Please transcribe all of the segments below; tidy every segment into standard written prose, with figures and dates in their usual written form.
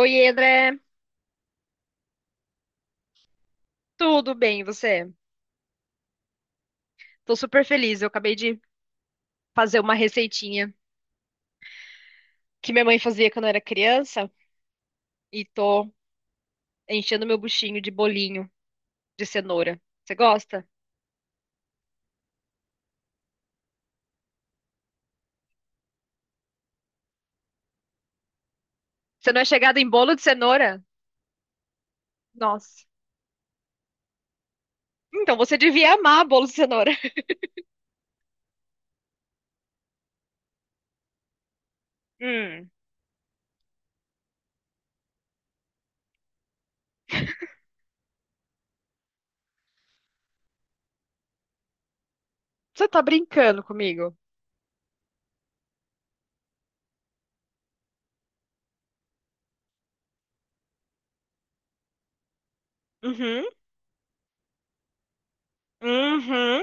Oi, André. Tudo bem, e você? Tô super feliz. Eu acabei de fazer uma receitinha que minha mãe fazia quando eu era criança e tô enchendo meu buchinho de bolinho de cenoura. Você gosta? Você não é chegada em bolo de cenoura? Nossa. Então você devia amar bolo de cenoura. Hum, você tá brincando comigo? Uhum, uhum.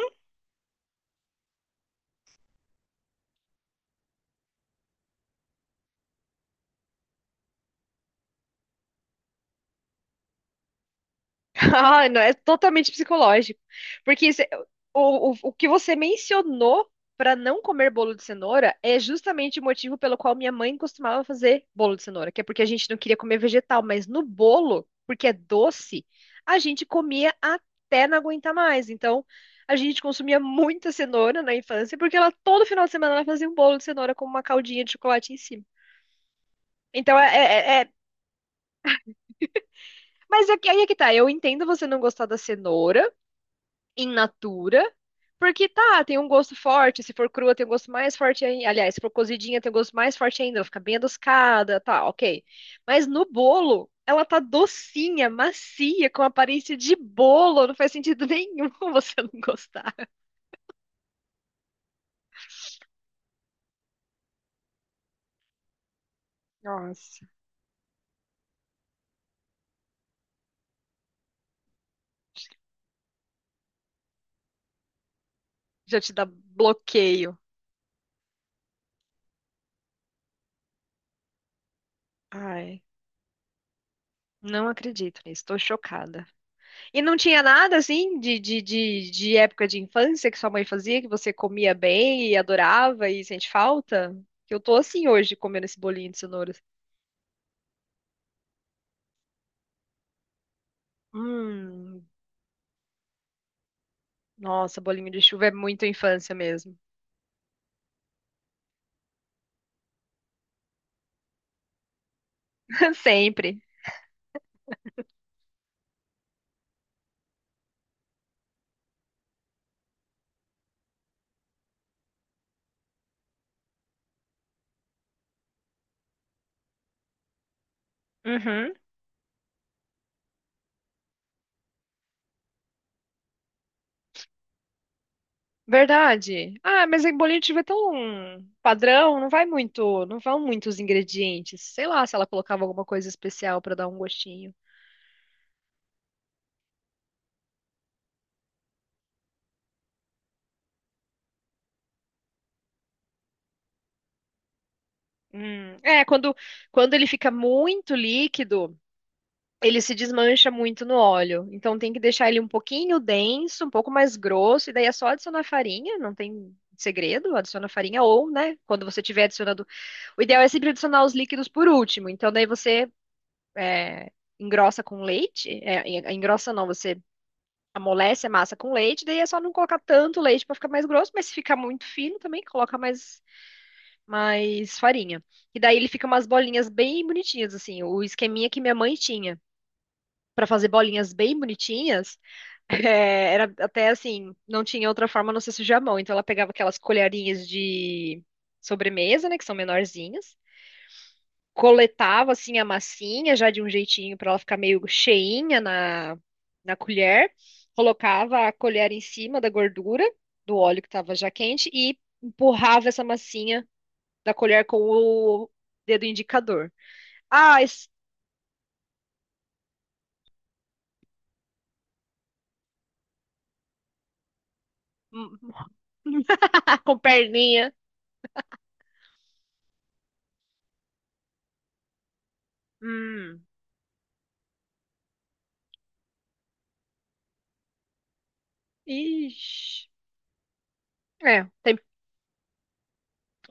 Ah, não, é totalmente psicológico. Porque o que você mencionou para não comer bolo de cenoura é justamente o motivo pelo qual minha mãe costumava fazer bolo de cenoura, que é porque a gente não queria comer vegetal, mas no bolo, porque é doce, a gente comia até não aguentar mais. Então, a gente consumia muita cenoura na infância, porque ela todo final de semana ela fazia um bolo de cenoura com uma caldinha de chocolate em cima. Então, mas é que- aí é que tá, eu entendo você não gostar da cenoura, in natura, porque tá, tem um gosto forte, se for crua tem um gosto mais forte ainda, aliás, se for cozidinha tem um gosto mais forte ainda, ela fica bem adocicada, tá, ok. Mas no bolo, ela tá docinha, macia, com aparência de bolo, não faz sentido nenhum você não gostar. Nossa. Já te dá bloqueio. Ai. Não acredito nisso, tô chocada. E não tinha nada assim de época de infância que sua mãe fazia, que você comia bem e adorava e sente falta? Que eu tô assim hoje comendo esse bolinho de cenoura. Hum, nossa, bolinho de chuva é muito infância mesmo. Sempre. Uhum. Verdade. Ah, mas em bolinho de chuva é tão padrão, não vai muito, não vão muitos ingredientes. Sei lá se ela colocava alguma coisa especial pra dar um gostinho. É, quando ele fica muito líquido. Ele se desmancha muito no óleo. Então tem que deixar ele um pouquinho denso, um pouco mais grosso, e daí é só adicionar farinha, não tem segredo, adiciona farinha ou, né, quando você tiver adicionando, o ideal é sempre adicionar os líquidos por último. Então daí é, engrossa com leite, é, en- engrossa não, você amolece a massa com leite, daí é só não colocar tanto leite para ficar mais grosso, mas se ficar muito fino também coloca mais farinha. E daí ele fica umas bolinhas bem bonitinhas assim, o esqueminha que minha mãe tinha para fazer bolinhas bem bonitinhas, é, era até assim, não tinha outra forma a não ser sujar a mão. Então ela pegava aquelas colherinhas de sobremesa, né, que são menorzinhas, coletava assim a massinha já de um jeitinho para ela ficar meio cheinha na colher, colocava a colher em cima da gordura do óleo que estava já quente e empurrava essa massinha da colher com o dedo indicador. Ah, esse- hum, ah, com perninha. Hum. Ixi. É, tem-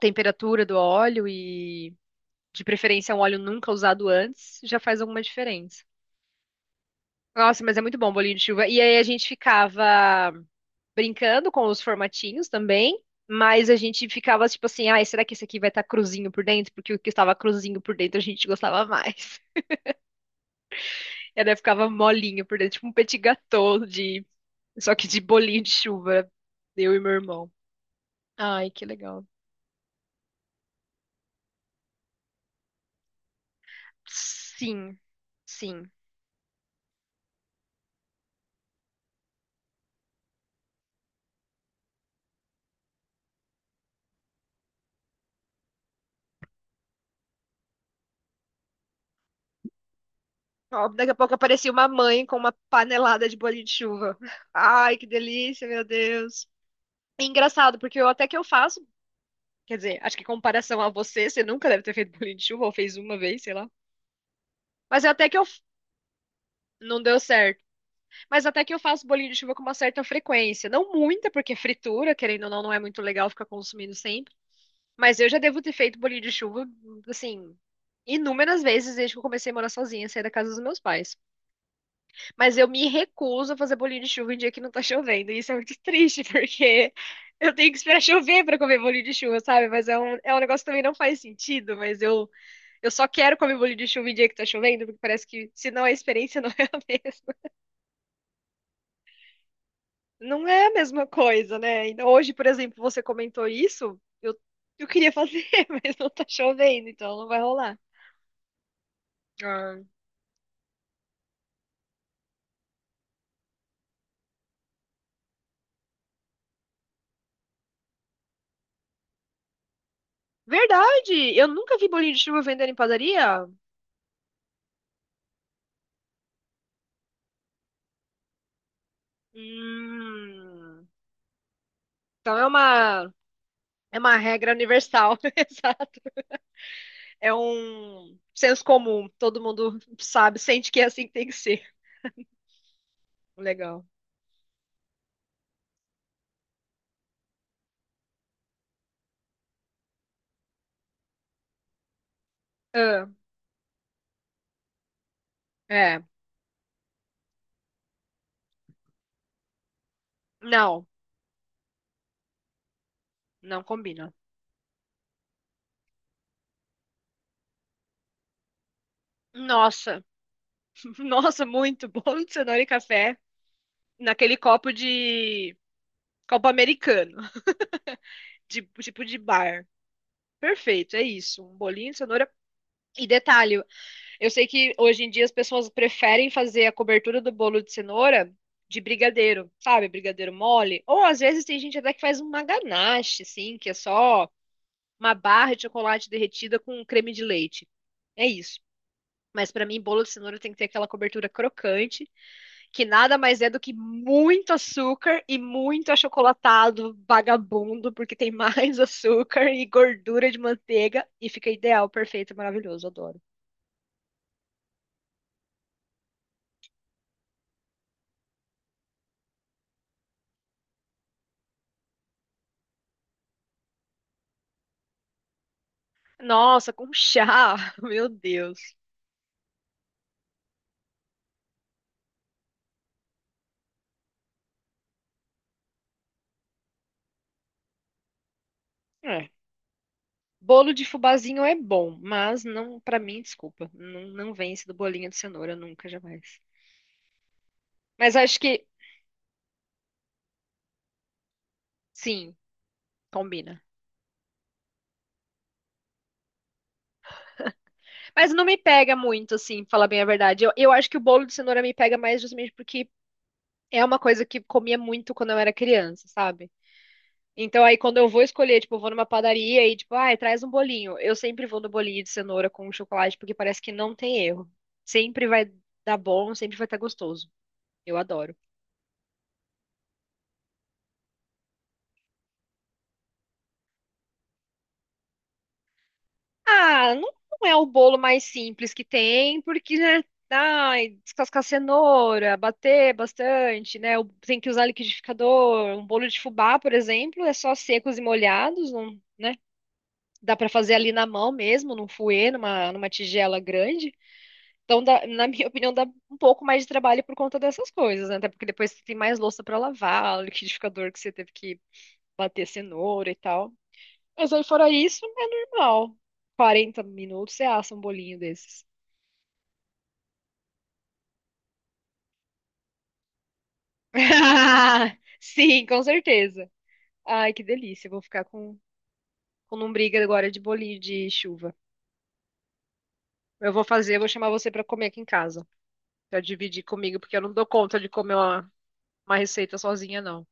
temperatura do óleo e de preferência um óleo nunca usado antes já faz alguma diferença. Nossa, mas é muito bom o bolinho de chuva. E aí a gente ficava brincando com os formatinhos também, mas a gente ficava tipo assim, ai, será que esse aqui vai estar cruzinho por dentro? Porque o que estava cruzinho por dentro a gente gostava mais. E daí ficava molinho por dentro, tipo um petit gâteau de só que de bolinho de chuva, eu e meu irmão. Ai, que legal. Sim. Sim. Ó, daqui a pouco aparecia uma mãe com uma panelada de bolinho de chuva. Ai, que delícia, meu Deus. É engraçado, porque eu até que eu faço, quer dizer, acho que em comparação a você, você nunca deve ter feito bolinho de chuva, ou fez uma vez, sei lá. Mas até que eu. Não deu certo. Mas até que eu faço bolinho de chuva com uma certa frequência. Não muita, porque fritura, querendo ou não, não é muito legal ficar consumindo sempre. Mas eu já devo ter feito bolinho de chuva, assim, inúmeras vezes desde que eu comecei a morar sozinha, sair da casa dos meus pais. Mas eu me recuso a fazer bolinho de chuva em dia que não tá chovendo. E isso é muito triste, porque eu tenho que esperar chover pra comer bolinho de chuva, sabe? Mas é um negócio que também não faz sentido, eu só quero comer bolinho de chuva em dia que tá chovendo, porque parece que senão a experiência não é a mesma. Não é a mesma coisa, né? Então hoje, por exemplo, você comentou isso, eu queria fazer, mas não tá chovendo, então não vai rolar. Ah. Verdade! Eu nunca vi bolinho de chuva vendendo em padaria. Hum, então é uma É uma regra universal, exato. É um senso comum. Todo mundo sabe, sente que é assim que tem que ser. Legal. Ah, é. Não, não combina. Nossa, nossa, muito bolo de cenoura e café naquele copo americano, de tipo de bar. Perfeito, é isso. Um bolinho de cenoura. E detalhe, eu sei que hoje em dia as pessoas preferem fazer a cobertura do bolo de cenoura de brigadeiro, sabe? Brigadeiro mole. Ou às vezes tem gente até que faz uma ganache, assim, que é só uma barra de chocolate derretida com creme de leite. É isso. Mas pra mim, bolo de cenoura tem que ter aquela cobertura crocante, que nada mais é do que muito açúcar e muito achocolatado vagabundo, porque tem mais açúcar e gordura de manteiga e fica ideal, perfeito, maravilhoso, adoro. Nossa, com chá, meu Deus. É. Bolo de fubazinho é bom, mas não, pra mim, desculpa, não vence do bolinho de cenoura nunca, jamais. Mas acho que sim, combina. Mas não me pega muito, assim, pra falar bem a verdade. Eu acho que o bolo de cenoura me pega mais justamente porque é uma coisa que comia muito quando eu era criança, sabe? Então aí quando eu vou escolher, tipo, eu vou numa padaria e tipo, ai, traz um bolinho. Eu sempre vou no bolinho de cenoura com chocolate porque parece que não tem erro. Sempre vai dar bom, sempre vai estar gostoso. Eu adoro. Ah, não, não é o bolo mais simples que tem, porque, né? Ai, descascar cenoura, bater bastante, né? o- Tem que usar liquidificador. Um bolo de fubá, por exemplo, é só secos e molhados, não, né? Dá pra fazer ali na mão mesmo, num fouet, numa tigela grande. Então, dá- na minha opinião, dá um pouco mais de trabalho por conta dessas coisas, né? Até porque depois você tem mais louça pra lavar, o liquidificador que você teve que bater cenoura e tal. Mas aí fora isso, é normal. 40 minutos você assa um bolinho desses. Sim, com certeza. Ai, que delícia. Eu vou ficar com lombriga agora de bolinho de chuva. Eu vou chamar você pra comer aqui em casa. Pra dividir comigo, porque eu não dou conta de comer uma receita sozinha, não.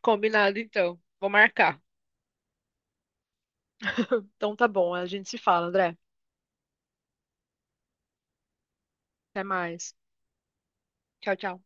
Combinado, então. Vou marcar. Então tá bom, a gente se fala, André. Até mais. Tchau, tchau.